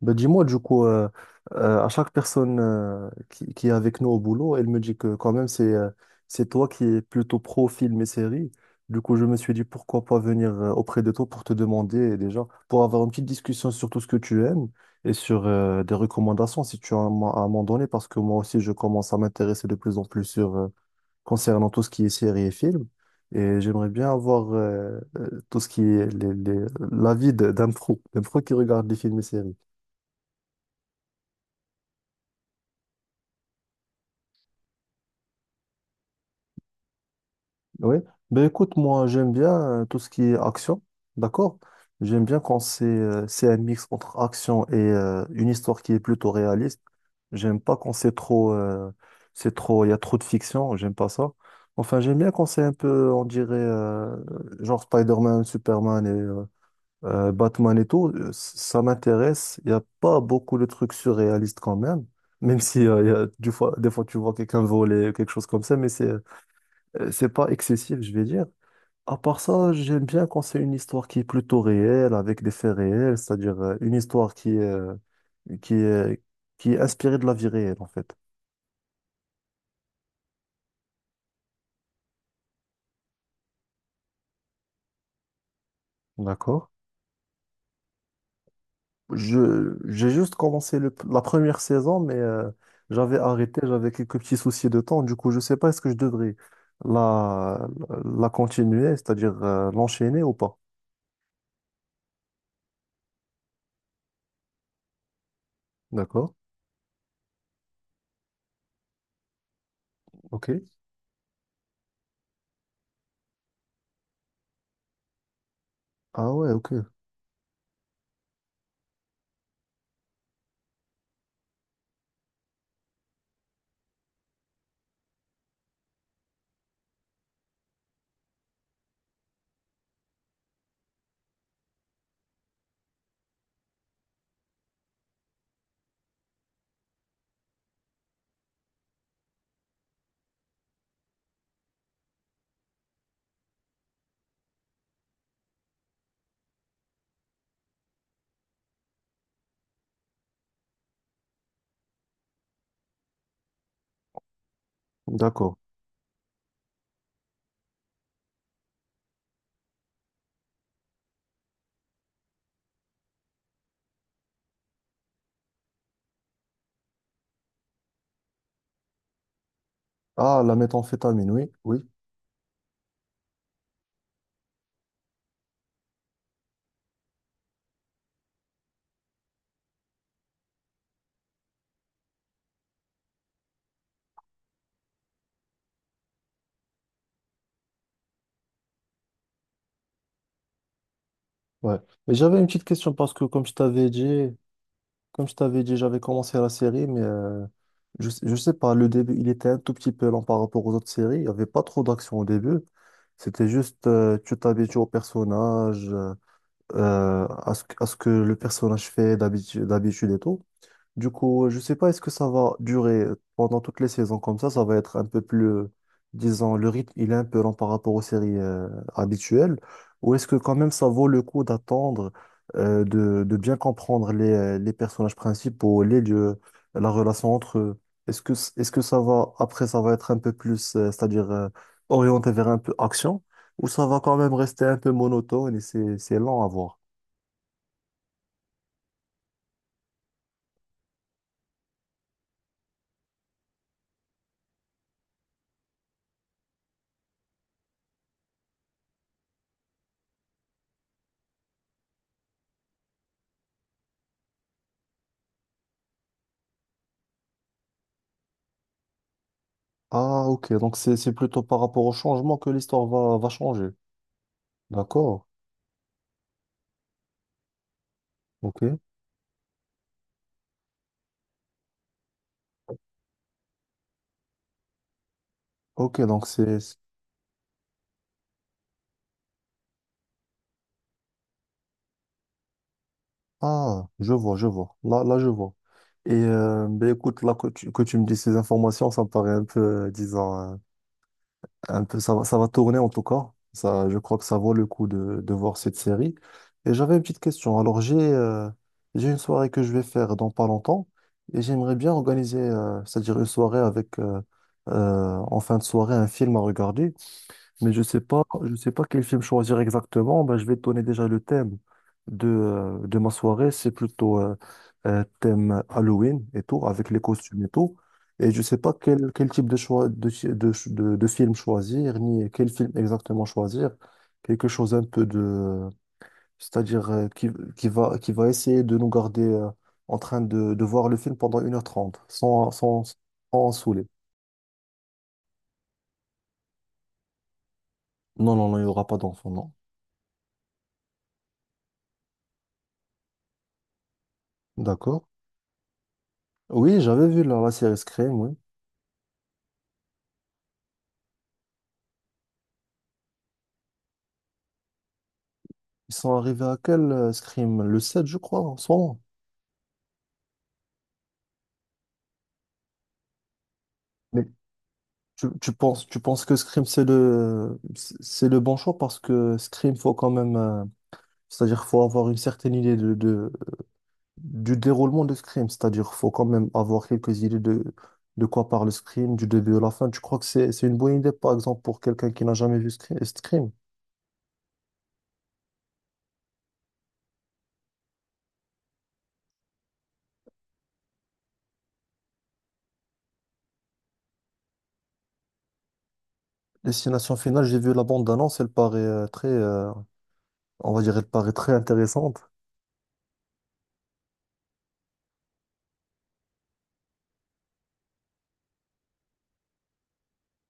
Ben, dis-moi, du coup, à chaque personne qui est avec nous au boulot, elle me dit que quand même, c'est toi qui es plutôt pro film et série. Du coup, je me suis dit, pourquoi pas venir auprès de toi pour te demander déjà, pour avoir une petite discussion sur tout ce que tu aimes et sur des recommandations si tu as à m'en donner, parce que moi aussi, je commence à m'intéresser de plus en plus sur concernant tout ce qui est série et film. Et j'aimerais bien avoir tout ce qui est d'un pro qui regarde des films et séries. Oui, ben écoute, moi j'aime bien tout ce qui est action, d'accord? J'aime bien quand c'est un mix entre action et une histoire qui est plutôt réaliste. J'aime pas quand c'est trop, il y a trop de fiction, j'aime pas ça. Enfin, j'aime bien quand c'est un peu, on dirait, genre Spider-Man, Superman et Batman et tout, ça m'intéresse. Il y a pas beaucoup de trucs surréalistes quand même, même si il y a, des fois tu vois quelqu'un voler, quelque chose comme ça, mais c'est pas excessif, je vais dire. À part ça, j'aime bien quand c'est une histoire qui est plutôt réelle, avec des faits réels, c'est-à-dire une histoire qui est, qui est inspirée de la vie réelle, en fait. D'accord? J'ai juste commencé la première saison, mais j'avais arrêté, j'avais quelques petits soucis de temps. Du coup, je sais pas, est-ce que je devrais la, la continuer, c'est-à-dire l'enchaîner ou pas? D'accord? Ok. Ah ouais, ok. D'accord. Ah, la méthamphétamine, oui, oui. Ouais. Mais j'avais une petite question parce que, Comme je t'avais dit, j'avais commencé la série, mais je sais pas, le début, il était un tout petit peu lent par rapport aux autres séries. Il n'y avait pas trop d'action au début. C'était juste, tu t'habitues au personnage, à ce que le personnage fait d'habitude et tout. Du coup, je sais pas, est-ce que ça va durer pendant toutes les saisons comme ça? Ça va être un peu plus, disons, le rythme, il est un peu lent par rapport aux séries habituelles. Ou est-ce que quand même ça vaut le coup d'attendre, de bien comprendre les personnages principaux, les lieux, la relation entre eux? Est-ce que ça va, après, ça va être un peu plus, c'est-à-dire orienté vers un peu action? Ou ça va quand même rester un peu monotone et c'est lent à voir? Ah, ok, donc c'est plutôt par rapport au changement que l'histoire va changer. D'accord, ok. Ok, donc Ah, je vois, je vois. Là, là, je vois. Et ben écoute, là que tu me dis ces informations, ça me paraît un peu, disons, un peu, ça va tourner en tout cas. Ça, je crois que ça vaut le coup de voir cette série. Et j'avais une petite question. Alors, j'ai une soirée que je vais faire dans pas longtemps et j'aimerais bien organiser, c'est-à-dire une soirée avec, en fin de soirée, un film à regarder. Mais je sais pas quel film choisir exactement. Ben, je vais te donner déjà le thème de ma soirée. C'est plutôt thème Halloween et tout, avec les costumes et tout. Et je sais pas quel type de choix de, chi- de, ch- de film choisir, ni quel film exactement choisir. Quelque chose un peu c'est-à-dire qui va essayer de nous garder en train de voir le film pendant 1h30 sans en saouler. Non, non, non, il n'y aura pas d'enfant, non. D'accord. Oui, j'avais vu la série Scream, oui. Ils sont arrivés à quel Scream? Le 7, je crois, en ce moment. Mais tu penses que Scream, c'est le bon choix parce que Scream, faut quand même, c'est-à-dire, faut avoir une certaine idée du déroulement de Scream. C'est-à-dire, faut quand même avoir quelques idées de quoi parle Scream, du début à la fin. Tu crois que c'est une bonne idée, par exemple, pour quelqu'un qui n'a jamais vu Scream? Destination finale, j'ai vu la bande d'annonce, elle paraît très, on va dire, elle paraît très intéressante.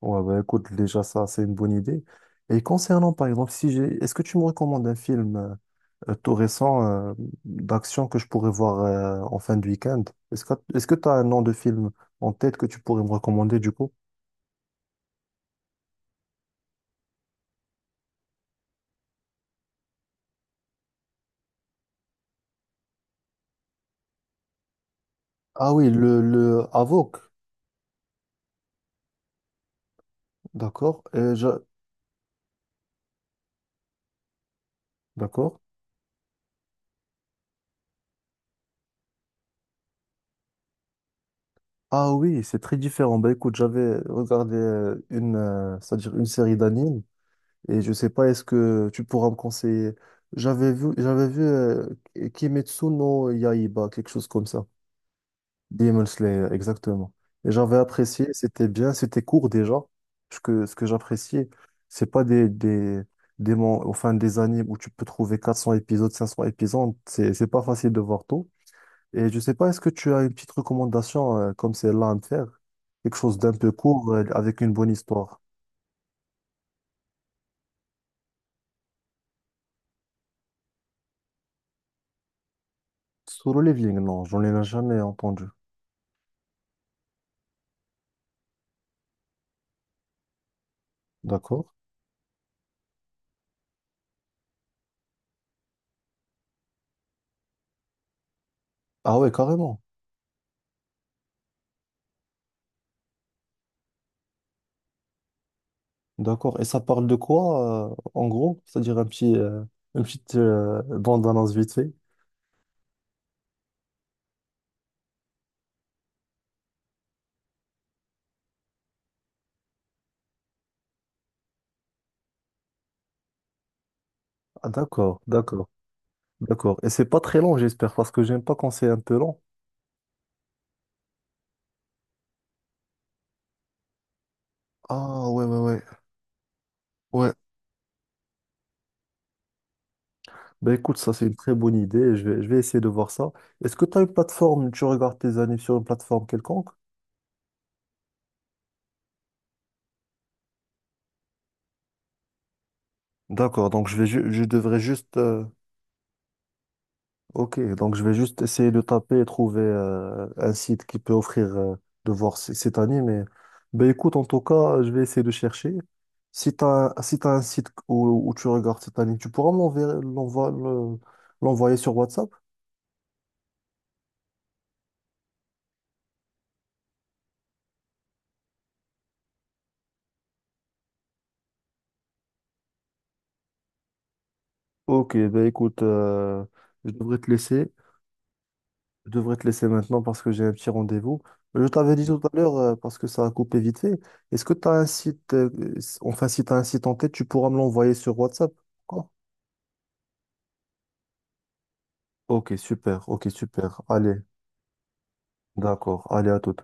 Ouais, bah écoute, déjà ça, c'est une bonne idée. Et concernant, par exemple, si j'ai, est-ce que tu me recommandes un film tout récent euh, d'action que je pourrais voir en fin de week-end? Est-ce que tu as un nom de film en tête que tu pourrais me recommander du coup? Ah oui, le Avoc, d'accord. D'accord. Ah oui, c'est très différent. Bah écoute, j'avais regardé c'est-à-dire une série d'animes. Et je sais pas, est-ce que tu pourras me conseiller? J'avais vu Kimetsu no Yaiba, quelque chose comme ça. Demon Slayer, exactement. Et j'avais apprécié, c'était bien, c'était court déjà. Ce que j'appréciais, c'est pas enfin, des animes où tu peux trouver 400 épisodes, 500 épisodes. C'est pas facile de voir tout. Et je sais pas, est-ce que tu as une petite recommandation comme celle-là à me faire? Quelque chose d'un peu court avec une bonne histoire. Solo Leveling, non, j'en ai jamais entendu. D'accord. Ah ouais, carrément. D'accord. Et ça parle de quoi, en gros? C'est-à-dire une petite bande-annonce vite fait. Ah d'accord, d'accord, d'accord. Et c'est pas très long, j'espère, parce que j'aime pas quand c'est un peu long. Ah ouais, ouais, ouais. Ouais. Ben écoute, ça c'est une très bonne idée. Je vais essayer de voir ça. Est-ce que tu as une plateforme, tu regardes tes animes sur une plateforme quelconque? D'accord, donc je devrais juste Ok, donc je vais juste essayer de taper et trouver un site qui peut offrir de voir cet anime. Mais ben écoute, en tout cas, je vais essayer de chercher. Si tu as, si t'as un site où tu regardes cet anime, tu pourras m'envoyer l'envoyer sur WhatsApp? Ok, ben écoute, je devrais te laisser. Je devrais te laisser maintenant parce que j'ai un petit rendez-vous. Je t'avais dit tout à l'heure, parce que ça a coupé vite fait, est-ce que tu as un site, enfin si tu as un site en tête, tu pourras me l'envoyer sur WhatsApp? Ok, super, ok, super. Allez, d'accord, allez à tout.